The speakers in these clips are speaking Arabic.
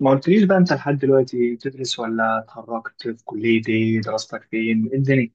ما قلتليش بقى، انت لحد دلوقتي بتدرس ولا اتخرجت؟ في كلية ايه؟ دراستك فين؟ ايه الدنيا؟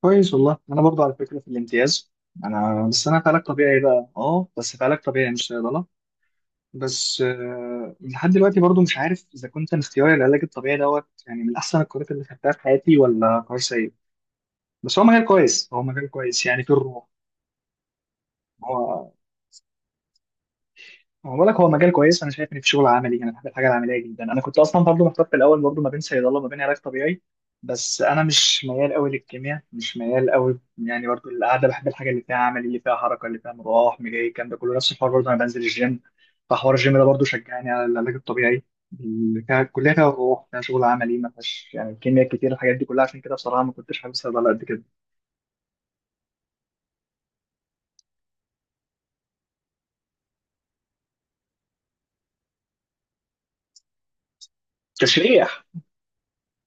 كويس والله، انا برضه على فكرة في الامتياز. انا، بس انا في علاج طبيعي بقى، اه، بس في علاج طبيعي مش صيدلة. بس لحد دلوقتي برضه مش عارف اذا كنت انا اختياري العلاج الطبيعي دوت يعني من احسن القرارات اللي خدتها في حياتي ولا قرار سيء. بس هو مجال كويس، هو مجال كويس، يعني في الروح. هو هو بقول لك هو مجال كويس. انا شايف ان في شغل عملي، انا بحب الحاجه العمليه جدا. انا كنت اصلا برضه محتار في الاول برضه ما بين صيدله وما بين علاج طبيعي. بس انا مش ميال قوي للكيمياء، مش ميال قوي، يعني برضه القعده. بحب الحاجه اللي فيها عمل، اللي فيها حركه، اللي فيها مروح مجاي، الكلام ده كله نفس الحوار. برضه انا بنزل الجيم، فحوار الجيم ده برضه شجعني على العلاج الطبيعي اللي فيها كلها، فيها روح، فيها شغل عملي، ما فيهاش يعني كيمياء كتير. الحاجات دي كلها عشان كده بصراحه ما كنتش حابب صيدله قد كده. تشريح.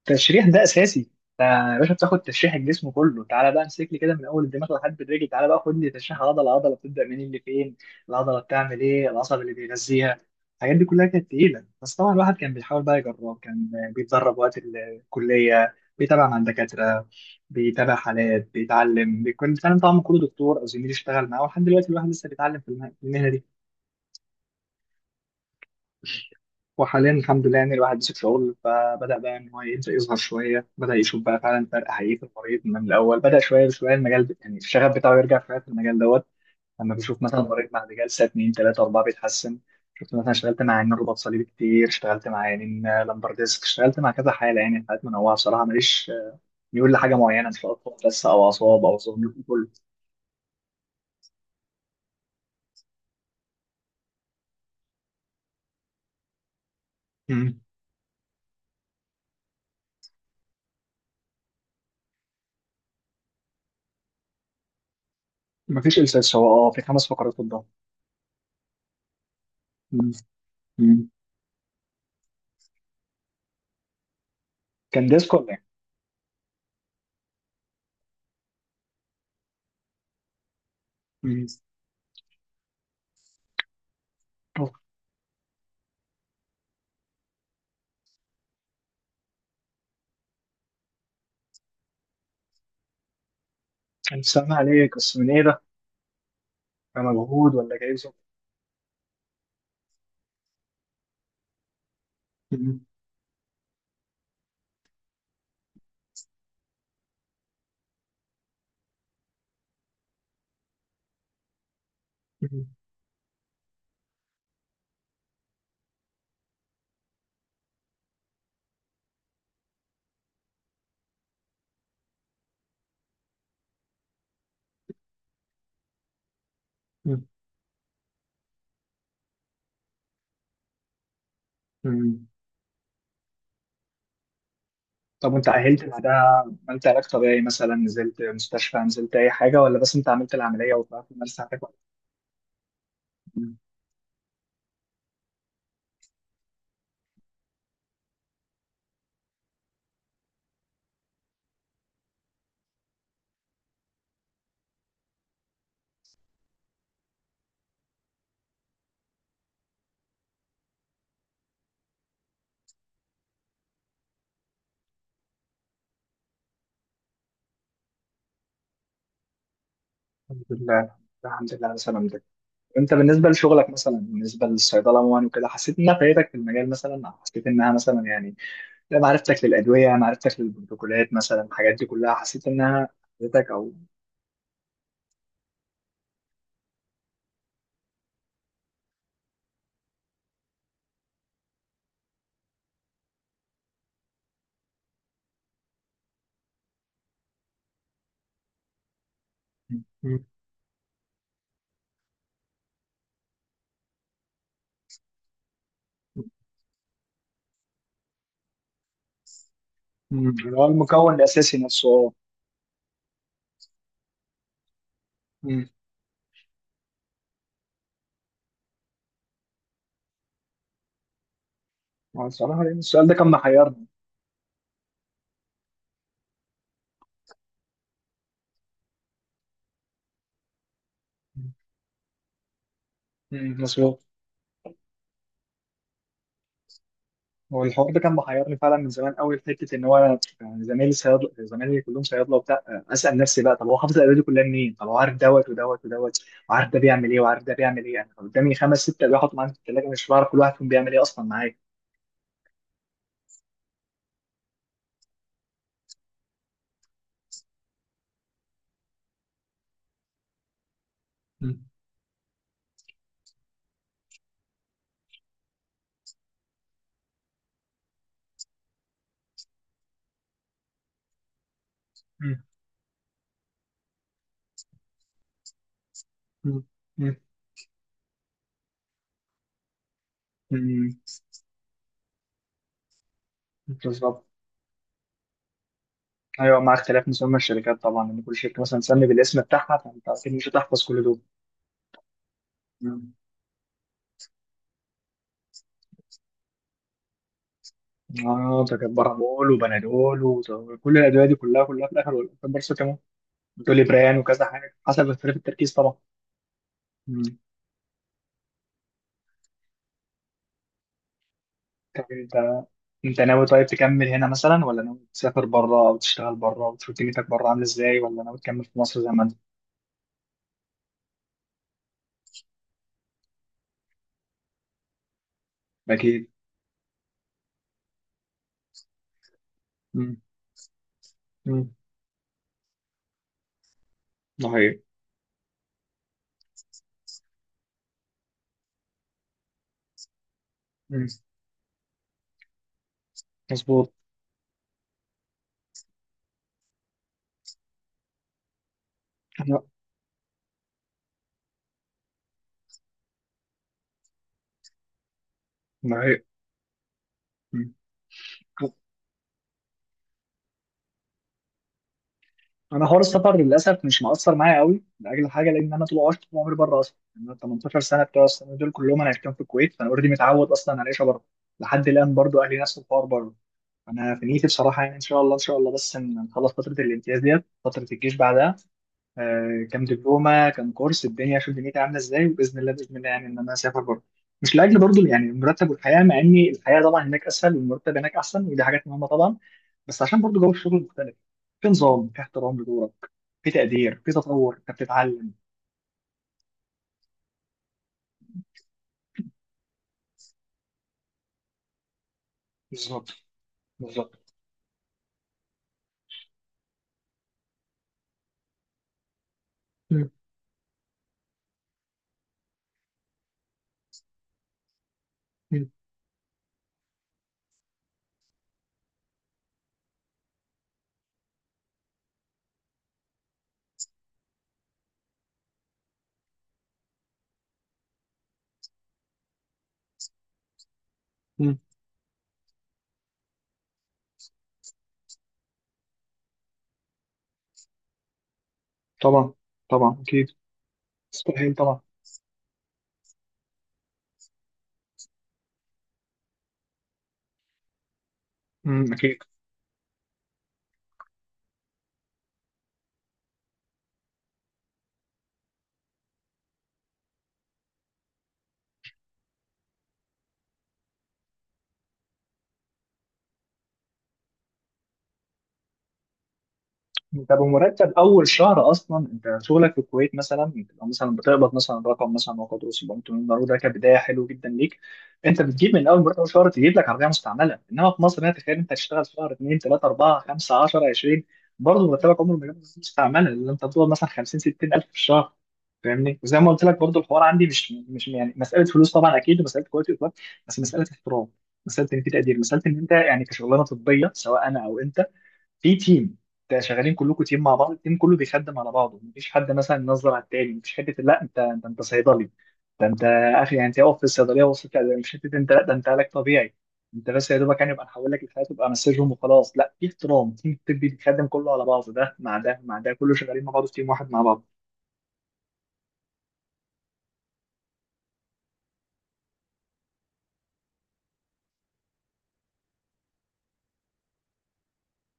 التشريح ده اساسي. انت يا باشا بتاخد تشريح الجسم كله. تعالى بقى امسك لي كده من اول الدماغ لحد الرجل. تعالى بقى خد لي تشريح عضله عضله، بتبدا منين، اللي فين، العضله بتعمل ايه، العصب اللي بيغذيها. الحاجات دي كلها كانت تقيله. بس طبعا الواحد كان بيحاول بقى يجرب، كان بيتدرب وقت الكليه، بيتابع مع الدكاتره، بيتابع حالات، بيتعلم، بيكون بيتعلم طبعا من كل دكتور او زميل يشتغل معاه. ولحد دلوقتي الواحد لسه بيتعلم في المهنه دي. وحاليا الحمد لله يعني الواحد مسك شغل، فبدأ بقى إن هو يبدأ يظهر شوية، بدأ يشوف بقى فعلا فرق حقيقي في المريض. من الأول بدأ شوية بشوية المجال يعني الشغف بتاعه يرجع شوية في المجال دوت. لما بيشوف مثلا مريض بعد جلسة اتنين تلاتة أربعة بيتحسن. شفت مثلا، اشتغلت مع عيانين رباط صليبي كتير، اشتغلت مع عيانين لمبر ديسك، اشتغلت مع كذا حالة، يعني حالات منوعة بصراحة. ماليش ميول لحاجة معينة إن شاء الله، بس أو أعصاب أو ظهر كله. مم. مفيش إلساس، هو أه في خمس فقرات قدام. مم. مم. كان ديسك ولا إيه؟ مم. أوه. كان سامع عليك، بس من إيه ده؟ كمجهود ولا جاي ظروف؟ طب وانت عهلت بعدها؟ عملت علاج طبيعي مثلا، نزلت مستشفى، نزلت اي حاجه، ولا بس انت عملت العمليه وطلعت من ساعتك؟ مم. الحمد لله. الحمد لله على سلامتك. انت بالنسبه لشغلك مثلا، بالنسبه للصيدله عموما وكده، حسيت انها فايدتك في المجال مثلا، او حسيت انها مثلا يعني، لا، معرفتك للادويه، معرفتك للبروتوكولات مثلا، الحاجات دي كلها حسيت انها فادتك او... مم. مم. مم. اللي هو المكون الاساسي نفسه، اه. مم. هو الصراحه، لأن السؤال ده كان محيرني. مم، مظبوط. هو الحوار ده كان محيرني فعلا من زمان قوي في حته ان هو يعني زمايلي صيادله، زمايلي كلهم صيادله وبتاع. اسال نفسي بقى، طب هو حافظ الادويه دي كلها منين؟ طب هو عارف دوت ودوت ودوت، وعارف ده بيعمل ايه، وعارف ده بيعمل ايه، انا قدامي خمس ست ادويه حاطهم عندي في الثلاجه مش بعرف كل واحد فيهم بيعمل ايه اصلا معايا. مم، مم، مم، مم، مم، بالظبط. ايوه، مع اختلاف مسمى الشركات طبعا، ان كل شركه مثلا تسمي بالاسم بتاعها، فانت اكيد مش هتحفظ كل دول. مم. اه، ده كان بارابول وبنادول، وكل الادويه دي كلها كلها في الاخر والأخر برضه كمان بتقولي بريان وكذا حاجة حسب اختلاف التركيز طبعا. مم. طب انت ناوي طيب تكمل هنا مثلا، ولا ناوي تسافر بره او تشتغل بره وتشوف دنيتك بره عامله ازاي، ولا ناوي تكمل في مصر زي ما انت؟ اكيد. مم. مم. ده حقيقي. مم. مظبوط. انا، ده حقيقي. مم. انا حوار السفر للاسف مش مؤثر معايا قوي لاجل حاجه، لان انا طول عشت طول عمري بره اصلا. يعني انا 18 سنه بتوع السنه دول كلهم انا عشتهم في الكويت. فانا اوريدي متعود اصلا على العيشه بره. لحد الان برضو اهلي نفس الحوار بره. انا في نيتي بصراحه، يعني ان شاء الله ان شاء الله، بس إن نخلص فتره الامتياز ديت، فتره الجيش بعدها، كام دبلومه كام كورس، الدنيا اشوف دنيتي عامله ازاي، وباذن الله باذن الله يعني ان انا اسافر بره. مش لاجل برضو يعني المرتب والحياه، مع ان الحياه طبعا هناك اسهل والمرتب هناك احسن، ودي حاجات مهمه طبعا. بس عشان برضو جو الشغل مختلف. في نظام، في احترام لدورك، في تقدير، في تطور، انت بتتعلم. بالظبط. بالظبط. مم، مم، مم. طبعا. طبعا اكيد. مستحيل طبعا. مم، اكيد. انت بمرتب اول شهر اصلا، انت شغلك في الكويت مثلا بتبقى مثلا بتقبض مثلا رقم مثلا ما قدره $700، ده كبدايه حلو جدا ليك. انت بتجيب من اول مرتب، اول شهر تجيب لك عربيه مستعمله، انما في مصر هنا تخيل انت تشتغل شهر 2 3 4 5 10 20، برضه مرتبك عمره ما جاب مستعمله، لان انت بتقبض مثلا 50 60 الف في الشهر. فاهمني؟ وزي ما قلت لك برضه الحوار عندي مش يعني مساله فلوس طبعا اكيد، ومساله كواليتي. بس مساله احترام، مساله ان في تقدير، مساله ان انت يعني كشغلانه طبيه سواء انا او انت في تيم. انت شغالين كلكم تيم مع بعض، التيم كله بيخدم على بعضه، مفيش حد مثلا ينظر على التاني، مفيش حته لا انت صيدلي، ده انت اخي. يعني انت اقف في الصيدليه وصلت، لا، مش حته انت، لا ده انت علاج طبيعي، انت بس يا دوبك يعني يبقى نحول لك الحاجات تبقى مسجهم وخلاص. لا، في احترام، التيم الطبي بيخدم كله على بعضه، ده مع ده مع ده، كله شغالين مع بعض في تيم واحد مع بعض.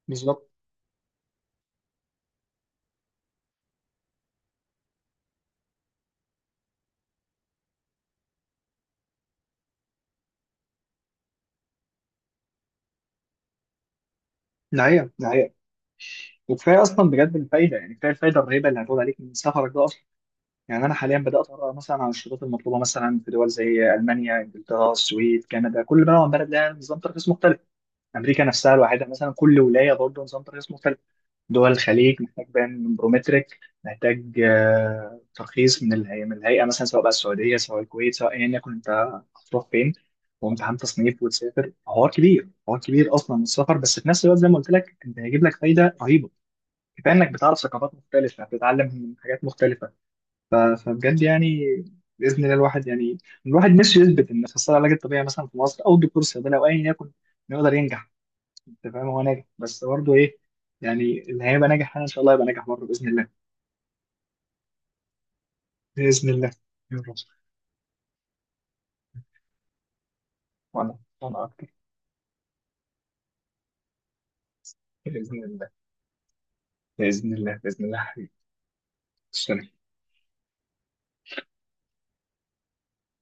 بالظبط. ده هي، ده هي. وكفايه اصلا بجد الفايده، يعني كفايه الفايده الرهيبه اللي هتقول عليك من سفرك ده. يعني انا حاليا بدات اقرا مثلا عن الشروط المطلوبه مثلا في دول زي المانيا، انجلترا، السويد، كندا، كل بلد عن بلد لها نظام ترخيص مختلف. امريكا نفسها الواحده مثلا كل ولايه برضه نظام ترخيص مختلف. دول الخليج محتاج بيان برومتريك، محتاج ترخيص من الهيئه، من الهيئه مثلا سواء بقى السعوديه سواء الكويت سواء ايا يكن انت هتروح فين، وامتحان تصنيف وتسافر. حوار كبير، حوار كبير اصلا السفر، بس في نفس الوقت زي ما قلت لك انت هيجيب لك فايده رهيبه. كفايه انك بتعرف ثقافات مختلفه بتتعلم من حاجات مختلفه. ف- فبجد يعني، باذن الله الواحد يعني، الواحد نفسه يثبت ان اخصائي العلاج الطبيعي مثلا في مصر او الدكتور الصيدلي او ايا يكن إنه يقدر ينجح. انت فاهم؟ هو ناجح بس برضه ايه، يعني اللي هيبقى ناجح انا ان شاء الله، يبقى ناجح برضه باذن الله. باذن الله. يا رب. وانا اكتر. باذن الله. باذن الله. باذن الله حبيبي. تسلم.